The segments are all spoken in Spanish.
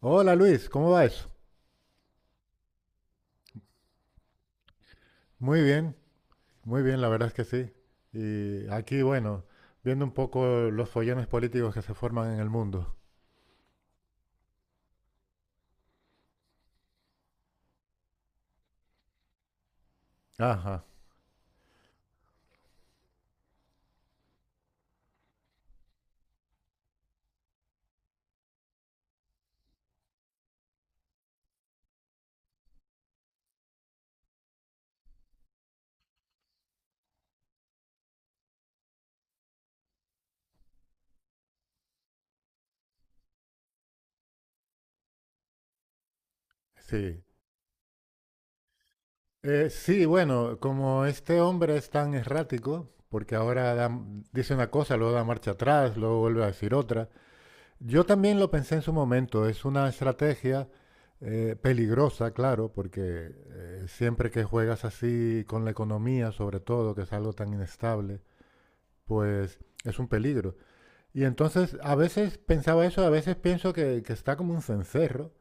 Hola Luis, ¿cómo va eso? Muy bien, muy bien, la verdad es que sí. Y aquí, bueno, viendo un poco los follones políticos que se forman en el mundo. Ajá, sí. Sí, bueno, como este hombre es tan errático, porque ahora dice una cosa, luego da marcha atrás, luego vuelve a decir otra. Yo también lo pensé en su momento, es una estrategia peligrosa, claro, porque siempre que juegas así con la economía, sobre todo, que es algo tan inestable pues es un peligro. Y entonces a veces pensaba eso, a veces pienso que está como un cencerro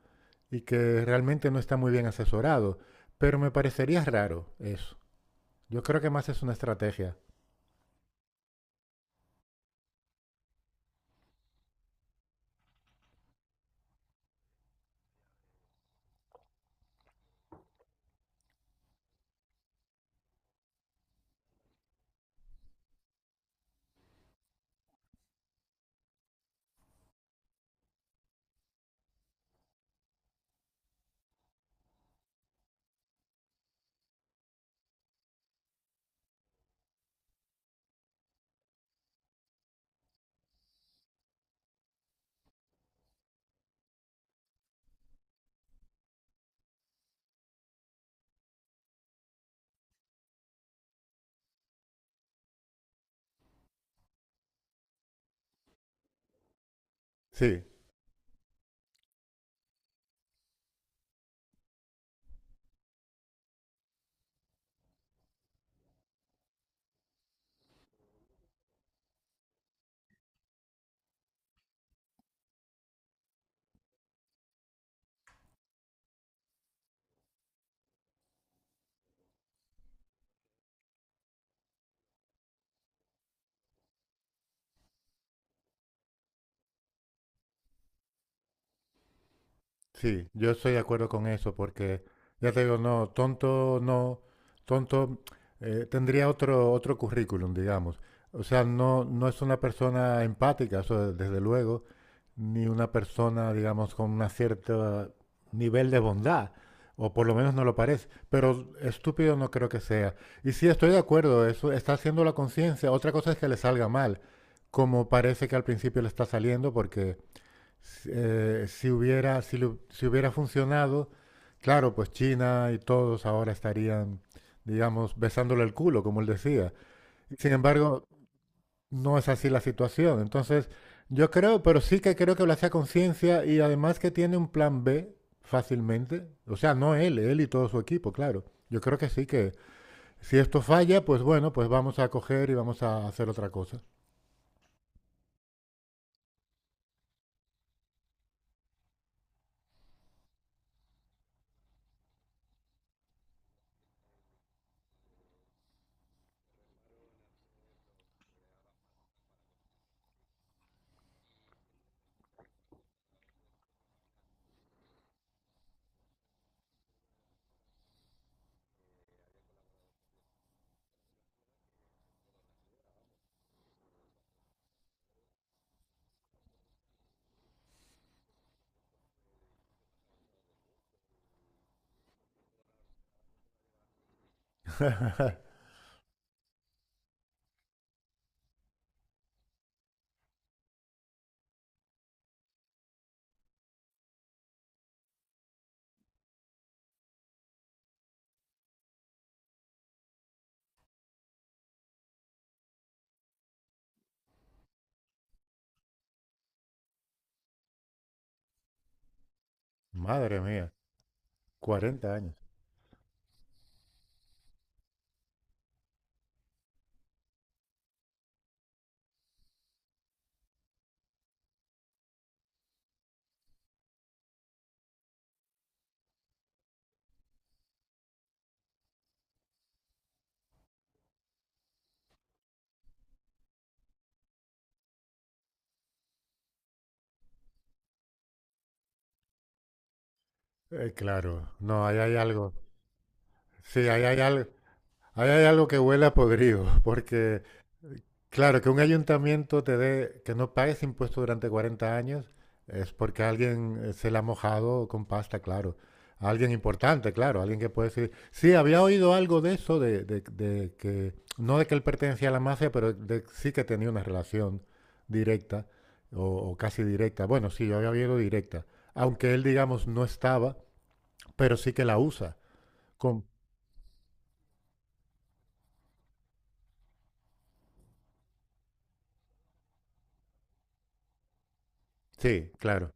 y que realmente no está muy bien asesorado, pero me parecería raro eso. Yo creo que más es una estrategia. Sí, sí, yo estoy de acuerdo con eso porque ya te digo, no, tonto, no, tonto tendría otro currículum, digamos. O sea, no, no es una persona empática, eso desde luego, ni una persona, digamos, con un cierto nivel de bondad, o por lo menos no lo parece, pero estúpido no creo que sea. Y sí, estoy de acuerdo, eso está haciendo la conciencia, otra cosa es que le salga mal, como parece que al principio le está saliendo, porque si hubiera funcionado, claro, pues China y todos ahora estarían, digamos, besándole el culo, como él decía. Sin embargo, no es así la situación. Entonces, yo creo, pero sí que creo que lo hace a conciencia y además que tiene un plan B fácilmente. O sea, no él, él y todo su equipo, claro. Yo creo que sí que si esto falla, pues bueno, pues vamos a coger y vamos a hacer otra cosa. Madre mía, 40 años. Claro, no, ahí hay algo. Sí, ahí hay algo que huele a podrido, porque. Claro, que un ayuntamiento te dé, que no pagues impuestos durante 40 años es porque alguien se la ha mojado con pasta, claro. Alguien importante, claro, alguien que puede decir, sí, había oído algo de eso, de que, no de que él pertenecía a la mafia, pero sí que tenía una relación directa o casi directa. Bueno, sí, yo había oído directa, aunque él, digamos, no estaba, pero sí que la usa. Con... Sí, claro,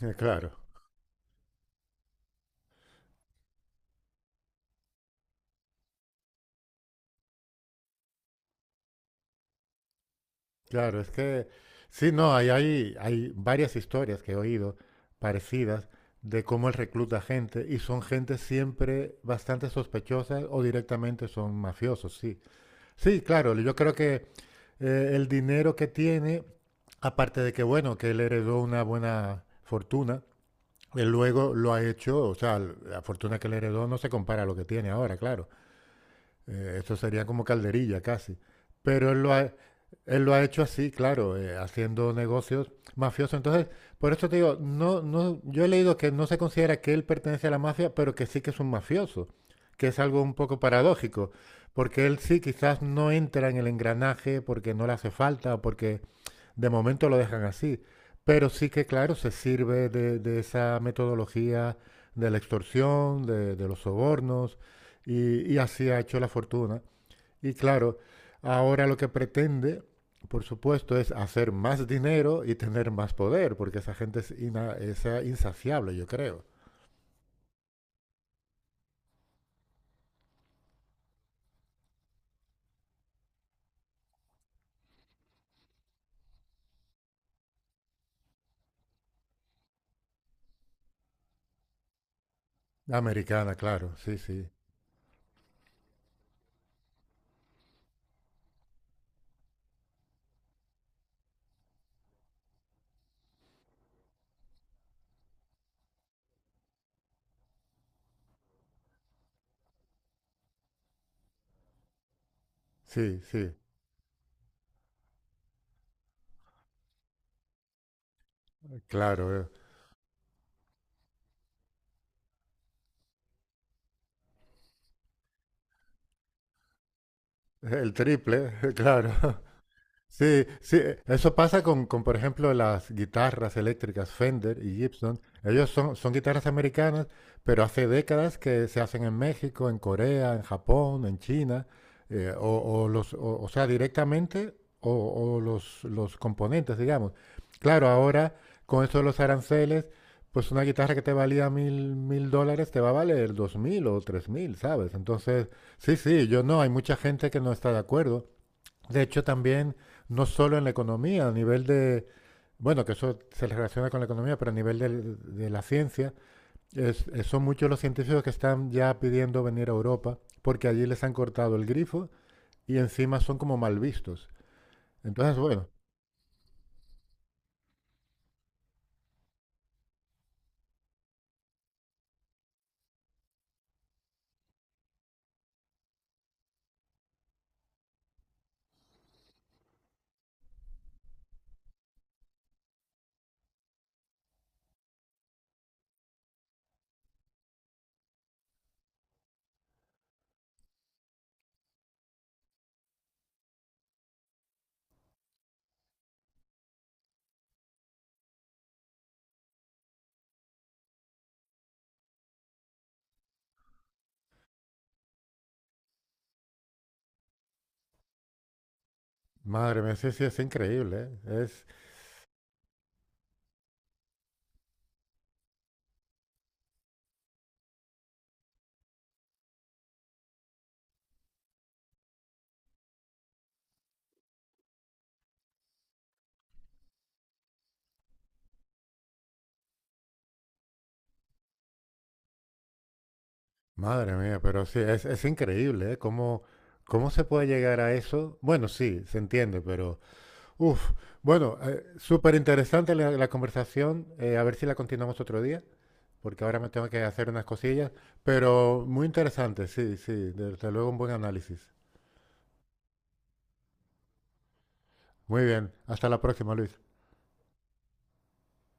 claro. Claro, es que sí, no, hay varias historias que he oído parecidas de cómo él recluta gente y son gente siempre bastante sospechosa o directamente son mafiosos, sí. Sí, claro, yo creo que el dinero que tiene, aparte de que, bueno, que él heredó una buena fortuna, él luego lo ha hecho, o sea, la fortuna que él heredó no se compara a lo que tiene ahora, claro. Eso sería como calderilla casi. Pero él lo ha hecho así, claro, haciendo negocios mafiosos. Entonces, por eso te digo, no, no, yo he leído que no se considera que él pertenece a la mafia, pero que sí que es un mafioso, que es algo un poco paradójico, porque él sí quizás no entra en el engranaje porque no le hace falta, porque de momento lo dejan así, pero sí que, claro, se sirve de esa metodología de la extorsión, de los sobornos, y así ha hecho la fortuna. Y claro, ahora lo que pretende, por supuesto, es hacer más dinero y tener más poder, porque esa gente es, insaciable, yo creo. Americana, claro, sí, sí, sí, sí, claro, el triple, claro. Sí, sí, eso pasa con, por ejemplo, las guitarras eléctricas Fender y Gibson. Ellos son guitarras americanas, pero hace décadas que se hacen en México, en Corea, en Japón, en China, o los, o sea, directamente, o, o los componentes, digamos. Claro, ahora con eso de los aranceles, pues una guitarra que te valía mil dólares te va a valer 2000 o 3000, ¿sabes? Entonces, sí, sí, yo no, hay mucha gente que no está de acuerdo. De hecho, también, no solo en la economía, a nivel de, bueno, que eso se relaciona con la economía, pero a nivel de la ciencia, son muchos los científicos que están ya pidiendo venir a Europa porque allí les han cortado el grifo y encima son como mal vistos. Entonces, bueno, madre mía, sí, sí, es, increíble, ¿eh? Madre mía, pero sí, es increíble, ¿eh? ¿Cómo se puede llegar a eso? Bueno, sí, se entiende, pero, uff, bueno, súper interesante la conversación, a ver si la continuamos otro día. Porque ahora me tengo que hacer unas cosillas, pero muy interesante, sí, sí, desde luego un buen análisis. Muy bien, hasta la próxima, Luis.